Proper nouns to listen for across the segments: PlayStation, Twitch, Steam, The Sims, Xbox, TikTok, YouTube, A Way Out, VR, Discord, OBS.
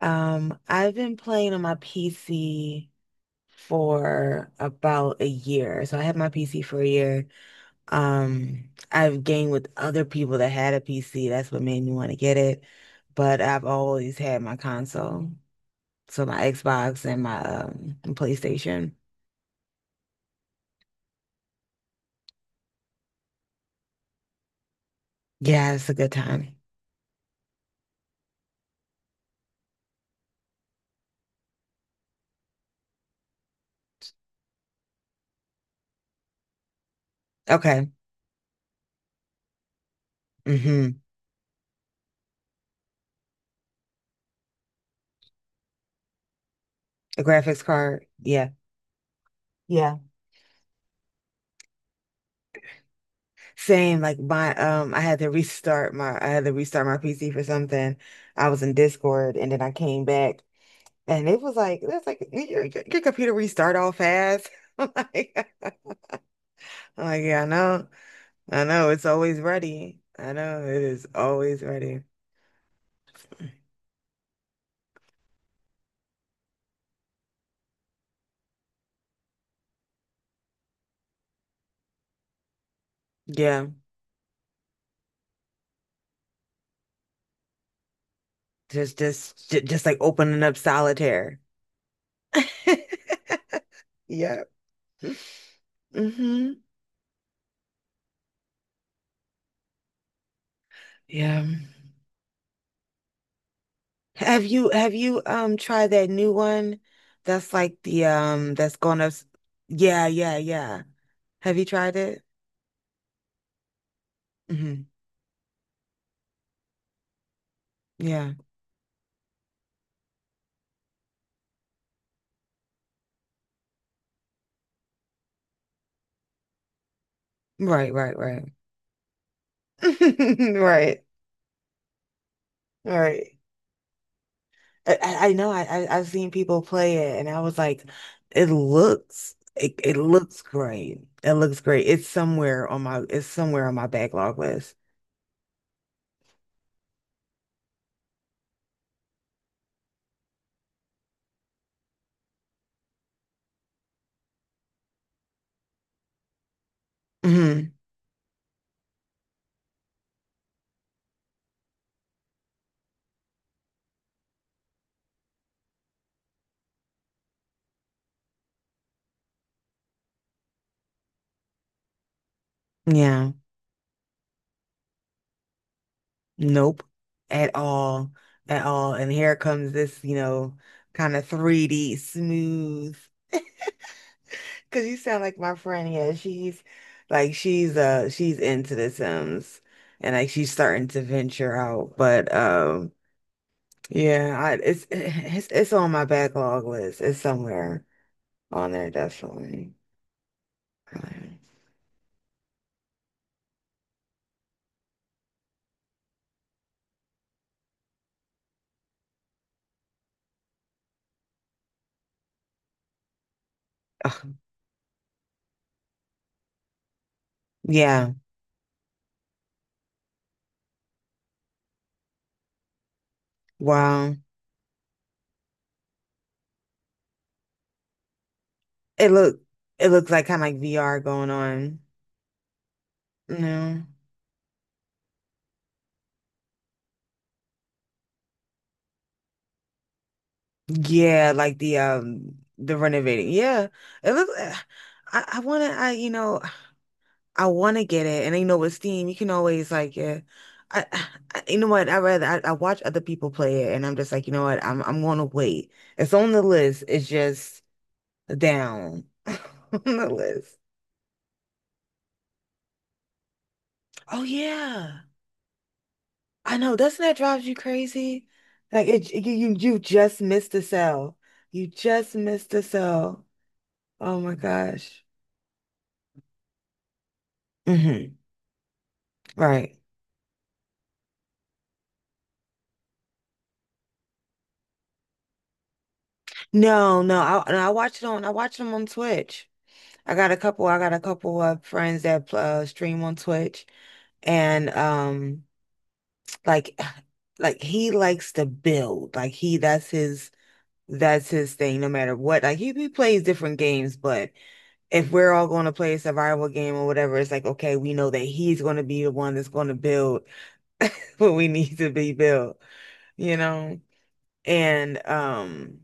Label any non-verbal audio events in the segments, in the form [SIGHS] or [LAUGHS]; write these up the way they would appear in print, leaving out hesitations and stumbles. I've been playing on my PC for about a year. So I had my PC for a year. I've gamed with other people that had a PC. That's what made me want to get it. But I've always had my console. So my Xbox and my PlayStation. Yeah, it's a good time. Okay. Mm-hmm. A graphics card. Yeah. Yeah. Same. Like my I had to restart my PC for something. I was in Discord and then I came back. And it was like, that's like your computer restart all fast. [LAUGHS] I Like, I'm like, Yeah, I know. I know it's always ready. I know it is always ready. Yeah. Just like opening up solitaire. [LAUGHS] Yeah. hmm Yeah. Have you tried that new one that's like the that's going up s- yeah, yeah, yeah. Have you tried it? Hmm Yeah. Right, right, right. [LAUGHS] Right. Right. I know, I I've seen people play it and I was like, it looks great. It looks great. It's somewhere on my it's somewhere on my backlog list. Hmm Yeah. Nope. At all. At all. And here comes this, you know, kind of 3D smooth. [LAUGHS] Cause you sound like my friend. Yeah, she's like she's into The Sims and like she's starting to venture out. But, yeah, I it's on my backlog list. It's somewhere on there definitely. Um, ugh, yeah. Wow. It look it looks kind of like VR going on. No. Yeah, like the renovating. Yeah. It looks. I I wanna get it, and you know with Steam you can always like, yeah. I, I you know what I rather I watch other people play it and I'm just like, you know what, I'm gonna wait. It's on the list. It's just down [LAUGHS] on the list. Oh yeah. I know, doesn't that drive you crazy? Like it, you just missed a cell. You just missed a cell. Oh my gosh. Hmm Right. No, no. I watch it on. I watch them on Twitch. I got a couple. I got a couple of friends that stream on Twitch, and like, [SIGHS] like he likes to build. Like he, that's his. That's his thing. No matter what. Like he plays different games. But if we're all going to play a survival game or whatever, it's like, okay, we know that he's going to be the one that's going to build [LAUGHS] what we need to be built, you know? And,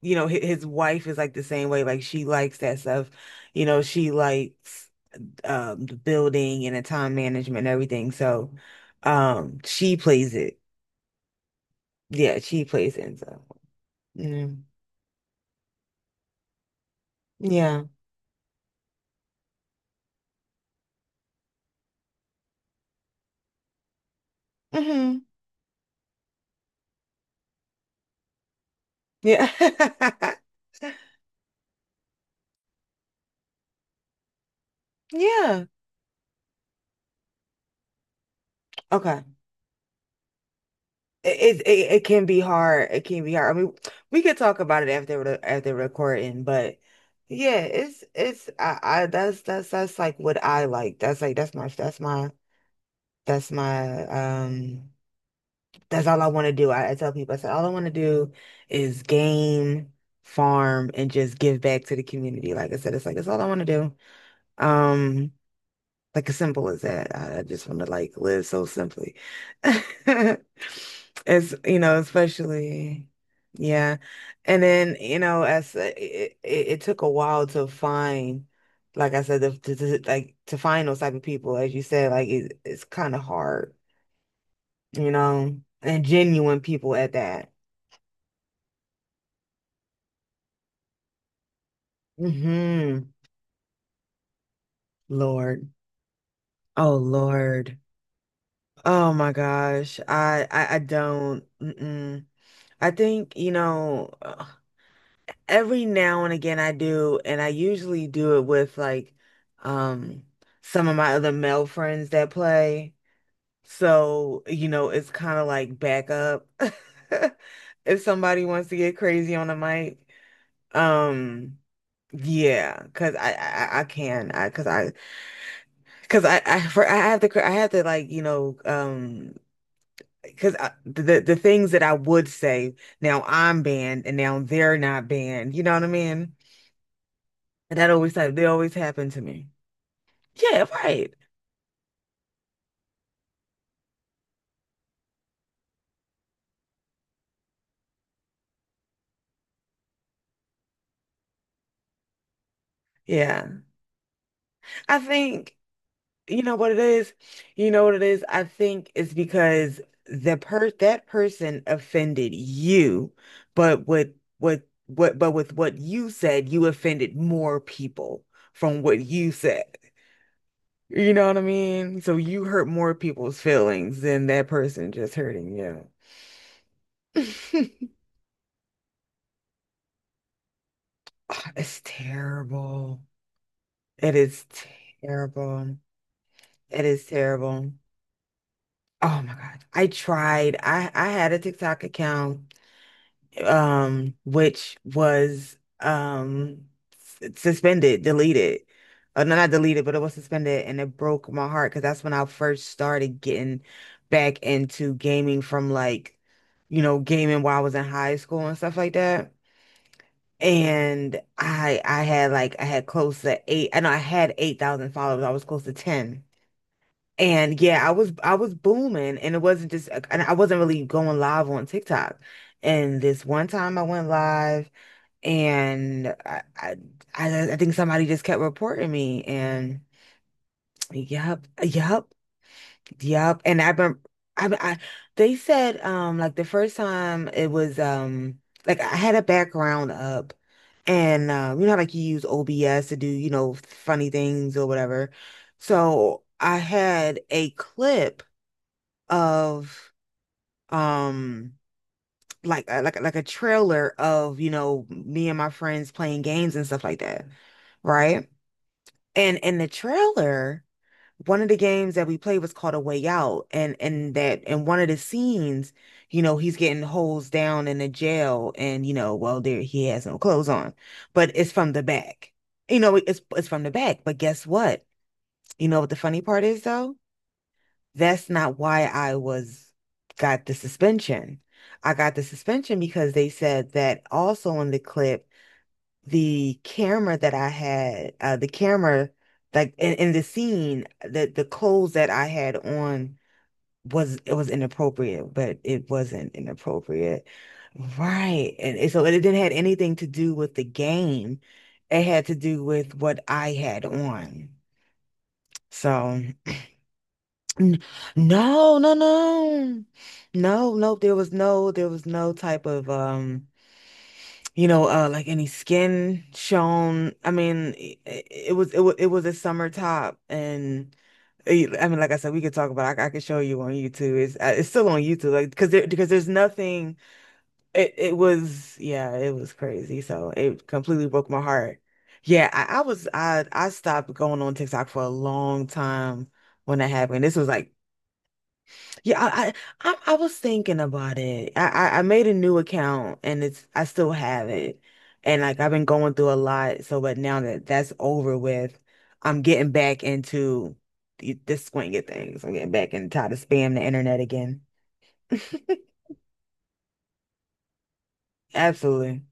you know, his wife is like the same way. Like she likes that stuff. You know, she likes the building and the time management and everything. So, she plays it. Yeah, she plays it. So, mm, yeah. hmm Yeah. [LAUGHS] Yeah. Okay. It can be hard. It can be hard. I mean, we could talk about it after the after recording, but yeah, it's I that's like what I like. That's my, that's all I want to do. I tell people, I said, all I want to do is game, farm, and just give back to the community. Like I said, it's like that's all I want to do. Um. Like as simple as that. I just want to like live so simply. [LAUGHS] It's, you know, especially, yeah. And then, you know, as it took a while to find, like I said, the, to- like to find those type of people, as you said, like it, it's kind of hard, you know, and genuine people at that. Hmm Lord. Oh, Lord. Oh my gosh. I don't. Mm-mm. I think, you know. [SIGHS] Every now and again I do, and I usually do it with like um some of my other male friends that play. So, you know, it's kind of like backup [LAUGHS] if somebody wants to get crazy on the mic. Um cuz I can. I cuz I cuz I for I have to I have to like, you know, cuz the things that I would say now I'm banned and now they're not banned. You know what I mean? And that always, like, they always happen to me. Yeah, right. Yeah. I think, you know what it is? You know what it is? I think it's because the per that person offended you, but with what you said, you offended more people from what you said. You know what I mean? So you hurt more people's feelings than that person just hurting you. [LAUGHS] Oh, it's terrible. It is terrible. It is terrible. Oh my God. I tried. I had a TikTok account which was suspended, deleted. Oh, no, not deleted, but it was suspended, and it broke my heart because that's when I first started getting back into gaming from like, you know, gaming while I was in high school and stuff like that. And I had like, I had close to eight, I know I had 8,000 followers. I was close to 10. And yeah, I was booming, and it wasn't just and I wasn't really going live on TikTok. And this one time I went live and I think somebody just kept reporting me and yep, yep, yep. And I've been I They said like the first time it was like I had a background up and you know how, like you use OBS to do, you know, funny things or whatever. So I had a clip of um like like a trailer of, you know, me and my friends playing games and stuff like that, right? And in the trailer, one of the games that we played was called A Way Out, and that in one of the scenes, you know, he's getting hosed down in the jail, and you know, well, there he has no clothes on, but it's from the back. You know, it's from the back. But guess what? You know what the funny part is though? That's not why I was got the suspension. I got the suspension because they said that also in the clip, the camera that I had, the camera like in the scene, the clothes that I had on was it was inappropriate, but it wasn't inappropriate. Right. And so it didn't had anything to do with the game. It had to do with what I had on. So N- No, no, no. No, no, there was no, there was no type of you know, like any skin shown. I mean, it was it was a summer top and eh, I mean, like I said, we could talk about it. I could show you on YouTube. It's still on YouTube, like, because there because there's nothing. It was, yeah, it was crazy. So it completely broke my heart. Yeah, I I stopped going on TikTok for a long time when that happened. This was like, yeah, I was thinking about it. I made a new account and it's I still have it, and like I've been going through a lot. So, but now that that's over with, I'm getting back into the squinting things. I'm getting back and tired of spam the internet again. [LAUGHS] Absolutely,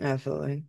absolutely.